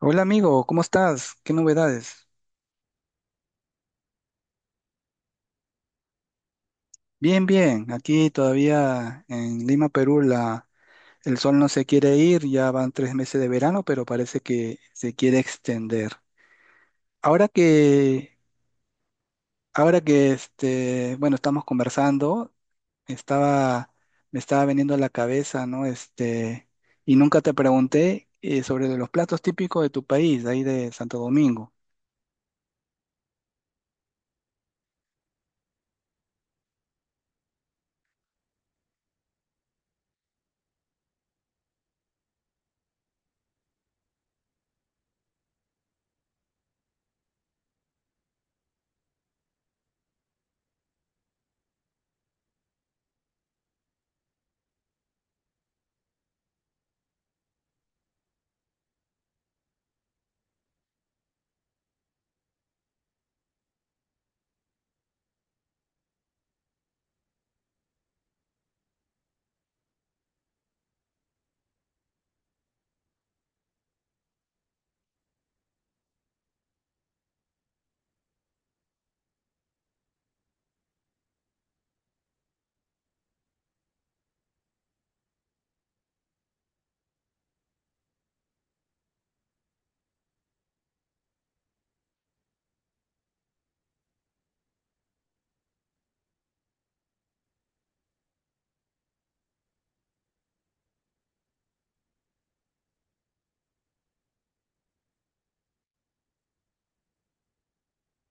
Hola amigo, ¿cómo estás? ¿Qué novedades? Bien. Aquí todavía en Lima, Perú, el sol no se quiere ir. Ya van tres meses de verano, pero parece que se quiere extender. Ahora que, ahora que bueno, estamos conversando, estaba, me estaba veniendo a la cabeza, ¿no? Y nunca te pregunté sobre los platos típicos de tu país, de ahí de Santo Domingo.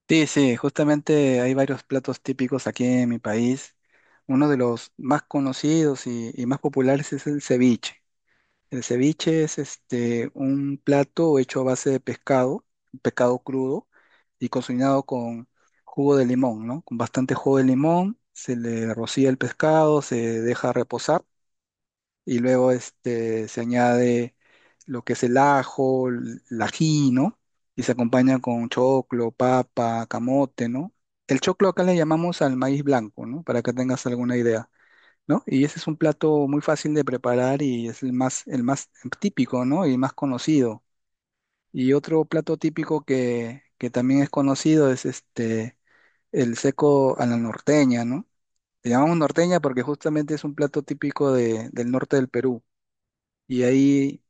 Sí, sí, justamente hay varios platos típicos aquí en mi país. Uno de los más conocidos y más populares es el ceviche. El ceviche es un plato hecho a base de pescado, pescado crudo y cocinado con jugo de limón, ¿no? Con bastante jugo de limón, se le rocía el pescado, se deja reposar y luego se añade lo que es el ajo, el ají, ¿no? Y se acompaña con choclo, papa, camote, ¿no? El choclo acá le llamamos al maíz blanco, ¿no? Para que tengas alguna idea, ¿no? Y ese es un plato muy fácil de preparar y es el más típico, ¿no? Y más conocido. Y otro plato típico que también es conocido es el seco a la norteña, ¿no? Le llamamos norteña porque justamente es un plato típico del norte del Perú y ahí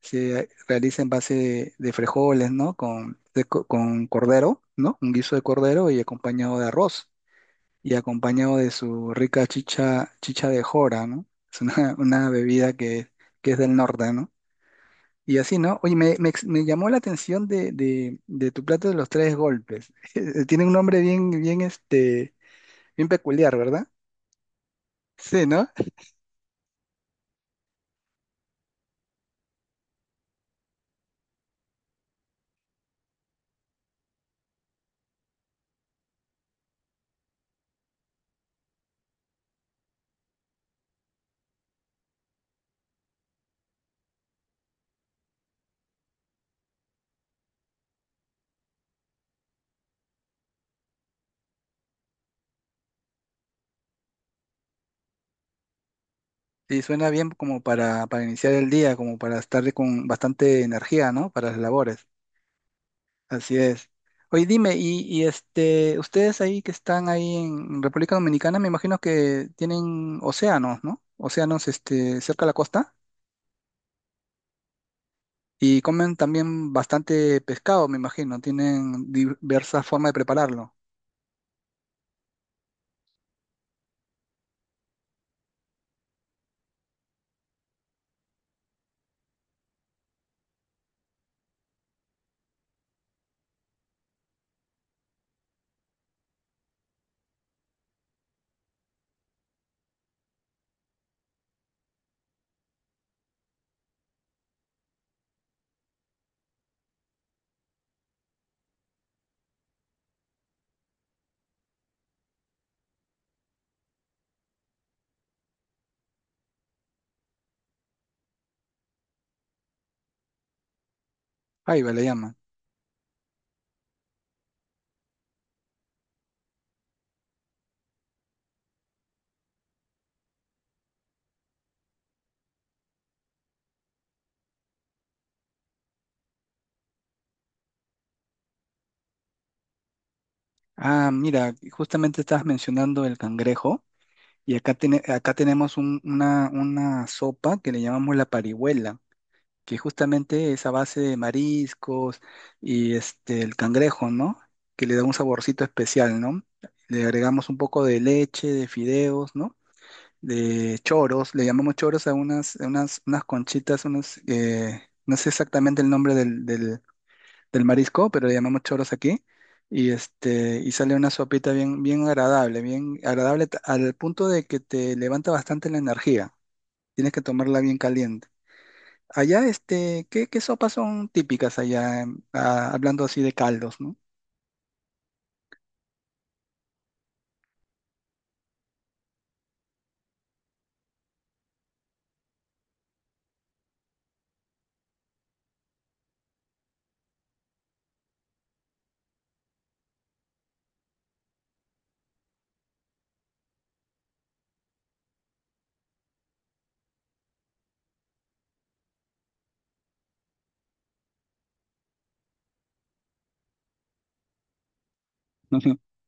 se realiza en base de frijoles, ¿no? Con, con cordero, ¿no? Un guiso de cordero y acompañado de arroz y acompañado de su rica chicha, chicha de jora, ¿no? Es una bebida que es del norte, ¿no? Y así, ¿no? Oye, me llamó la atención de tu plato de los tres golpes. Tiene un nombre bien peculiar, ¿verdad? Sí, ¿no? Sí, suena bien como para iniciar el día, como para estar con bastante energía, ¿no? Para las labores. Así es. Oye, dime, y ustedes ahí que están ahí en República Dominicana, me imagino que tienen océanos, ¿no? Océanos, cerca de la costa y comen también bastante pescado, me imagino. Tienen diversas formas de prepararlo. Jaiba le llaman. Ah, mira, justamente estabas mencionando el cangrejo y acá tenemos una sopa que le llamamos la parihuela. Que justamente es a base de mariscos y el cangrejo, ¿no? Que le da un saborcito especial, ¿no? Le agregamos un poco de leche, de fideos, ¿no? De choros, le llamamos choros a unas conchitas, unos, no sé exactamente el nombre del marisco, pero le llamamos choros aquí. Y sale una sopita bien agradable, bien agradable al punto de que te levanta bastante la energía. Tienes que tomarla bien caliente. Allá, qué sopas son típicas allá? Ah, hablando así de caldos, ¿no?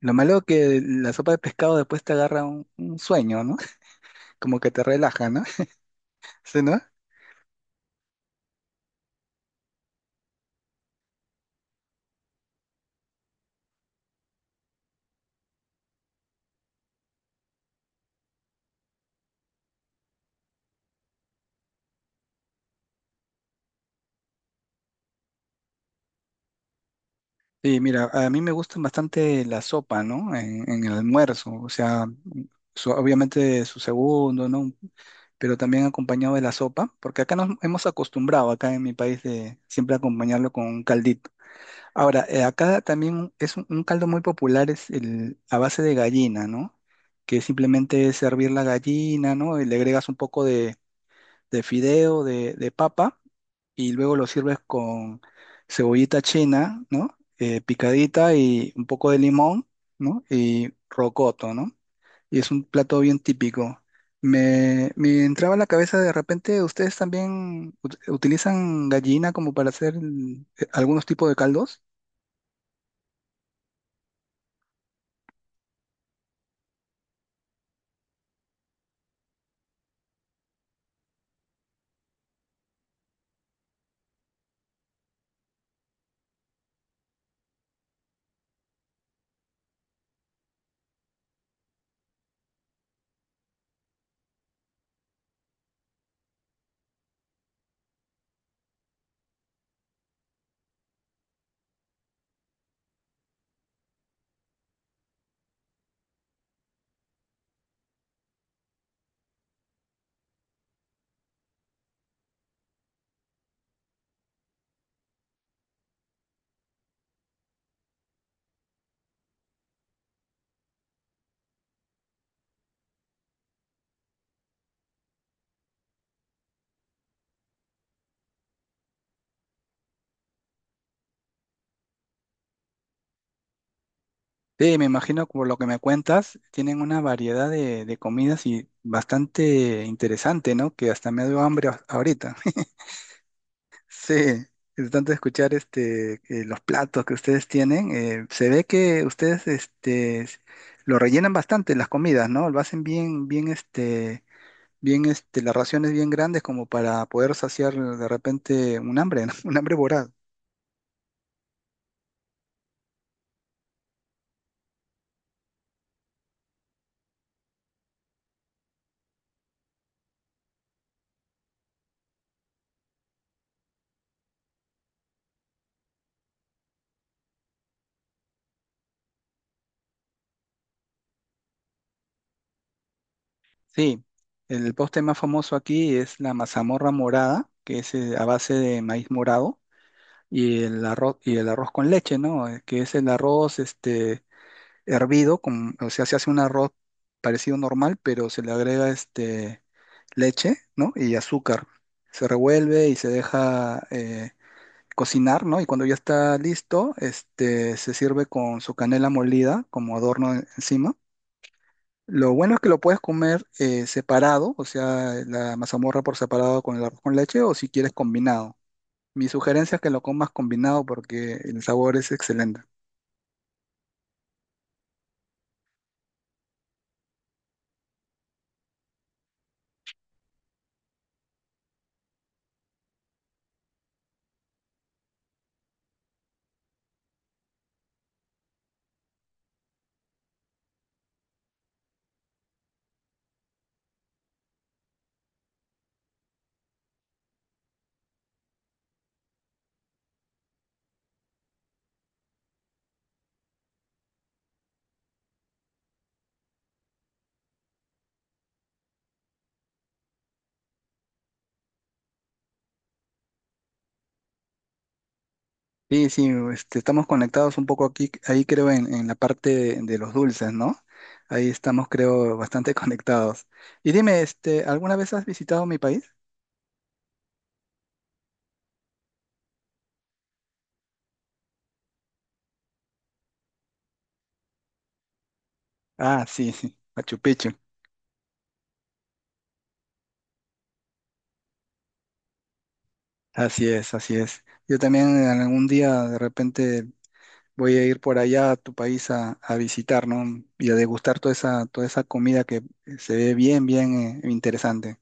Lo malo que la sopa de pescado después te agarra un sueño, ¿no? Como que te relaja, ¿no? ¿Sí, no? Sí, mira, a mí me gusta bastante la sopa, ¿no? En el almuerzo, o sea, obviamente su segundo, ¿no? Pero también acompañado de la sopa, porque acá nos hemos acostumbrado, acá en mi país, de siempre acompañarlo con un caldito. Ahora, acá también es un caldo muy popular, es el, a base de gallina, ¿no? Que simplemente es hervir la gallina, ¿no? Y le agregas un poco de fideo, de papa, y luego lo sirves con cebollita china, ¿no? Picadita y un poco de limón, ¿no? Y rocoto, ¿no? Y es un plato bien típico. Me entraba a la cabeza de repente, ¿ustedes también utilizan gallina como para hacer algunos tipos de caldos? Sí, me imagino por lo que me cuentas, tienen una variedad de comidas y bastante interesante, ¿no? Que hasta me dio hambre ahorita. Sí, es tanto escuchar los platos que ustedes tienen. Se ve que ustedes lo rellenan bastante las comidas, ¿no? Lo hacen las raciones bien grandes como para poder saciar de repente un hambre, ¿no? Un hambre voraz. Sí, el postre más famoso aquí es la mazamorra morada, que es a base de maíz morado, y el arroz con leche, ¿no? Que es el arroz hervido, con, o sea, se hace un arroz parecido normal, pero se le agrega leche, ¿no? Y azúcar. Se revuelve y se deja cocinar, ¿no? Y cuando ya está listo, se sirve con su canela molida como adorno encima. Lo bueno es que lo puedes comer separado, o sea, la mazamorra por separado con el arroz con leche, o si quieres combinado. Mi sugerencia es que lo comas combinado porque el sabor es excelente. Sí, sí, estamos conectados un poco aquí, ahí creo en la parte de los dulces, ¿no? Ahí estamos, creo, bastante conectados. Y dime, ¿alguna vez has visitado mi país? Ah, sí, sí, Machu Picchu. Así es, así es. Yo también en algún día de repente voy a ir por allá a tu país a visitar, ¿no? Y a degustar toda esa comida que se ve bien, bien interesante.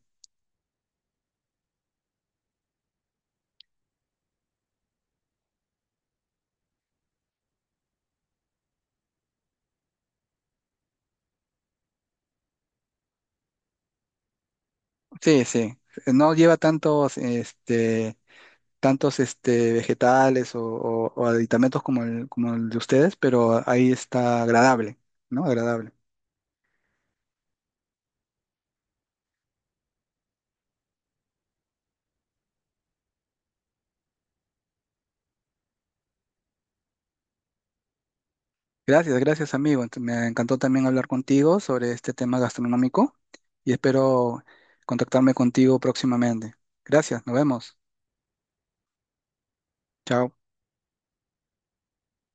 Sí, sí. No lleva tantos, vegetales o, o aditamentos como como el de ustedes, pero ahí está agradable, ¿no? Agradable. Gracias, gracias, amigo. Me encantó también hablar contigo sobre este tema gastronómico y espero contactarme contigo próximamente. Gracias, nos vemos. Chao.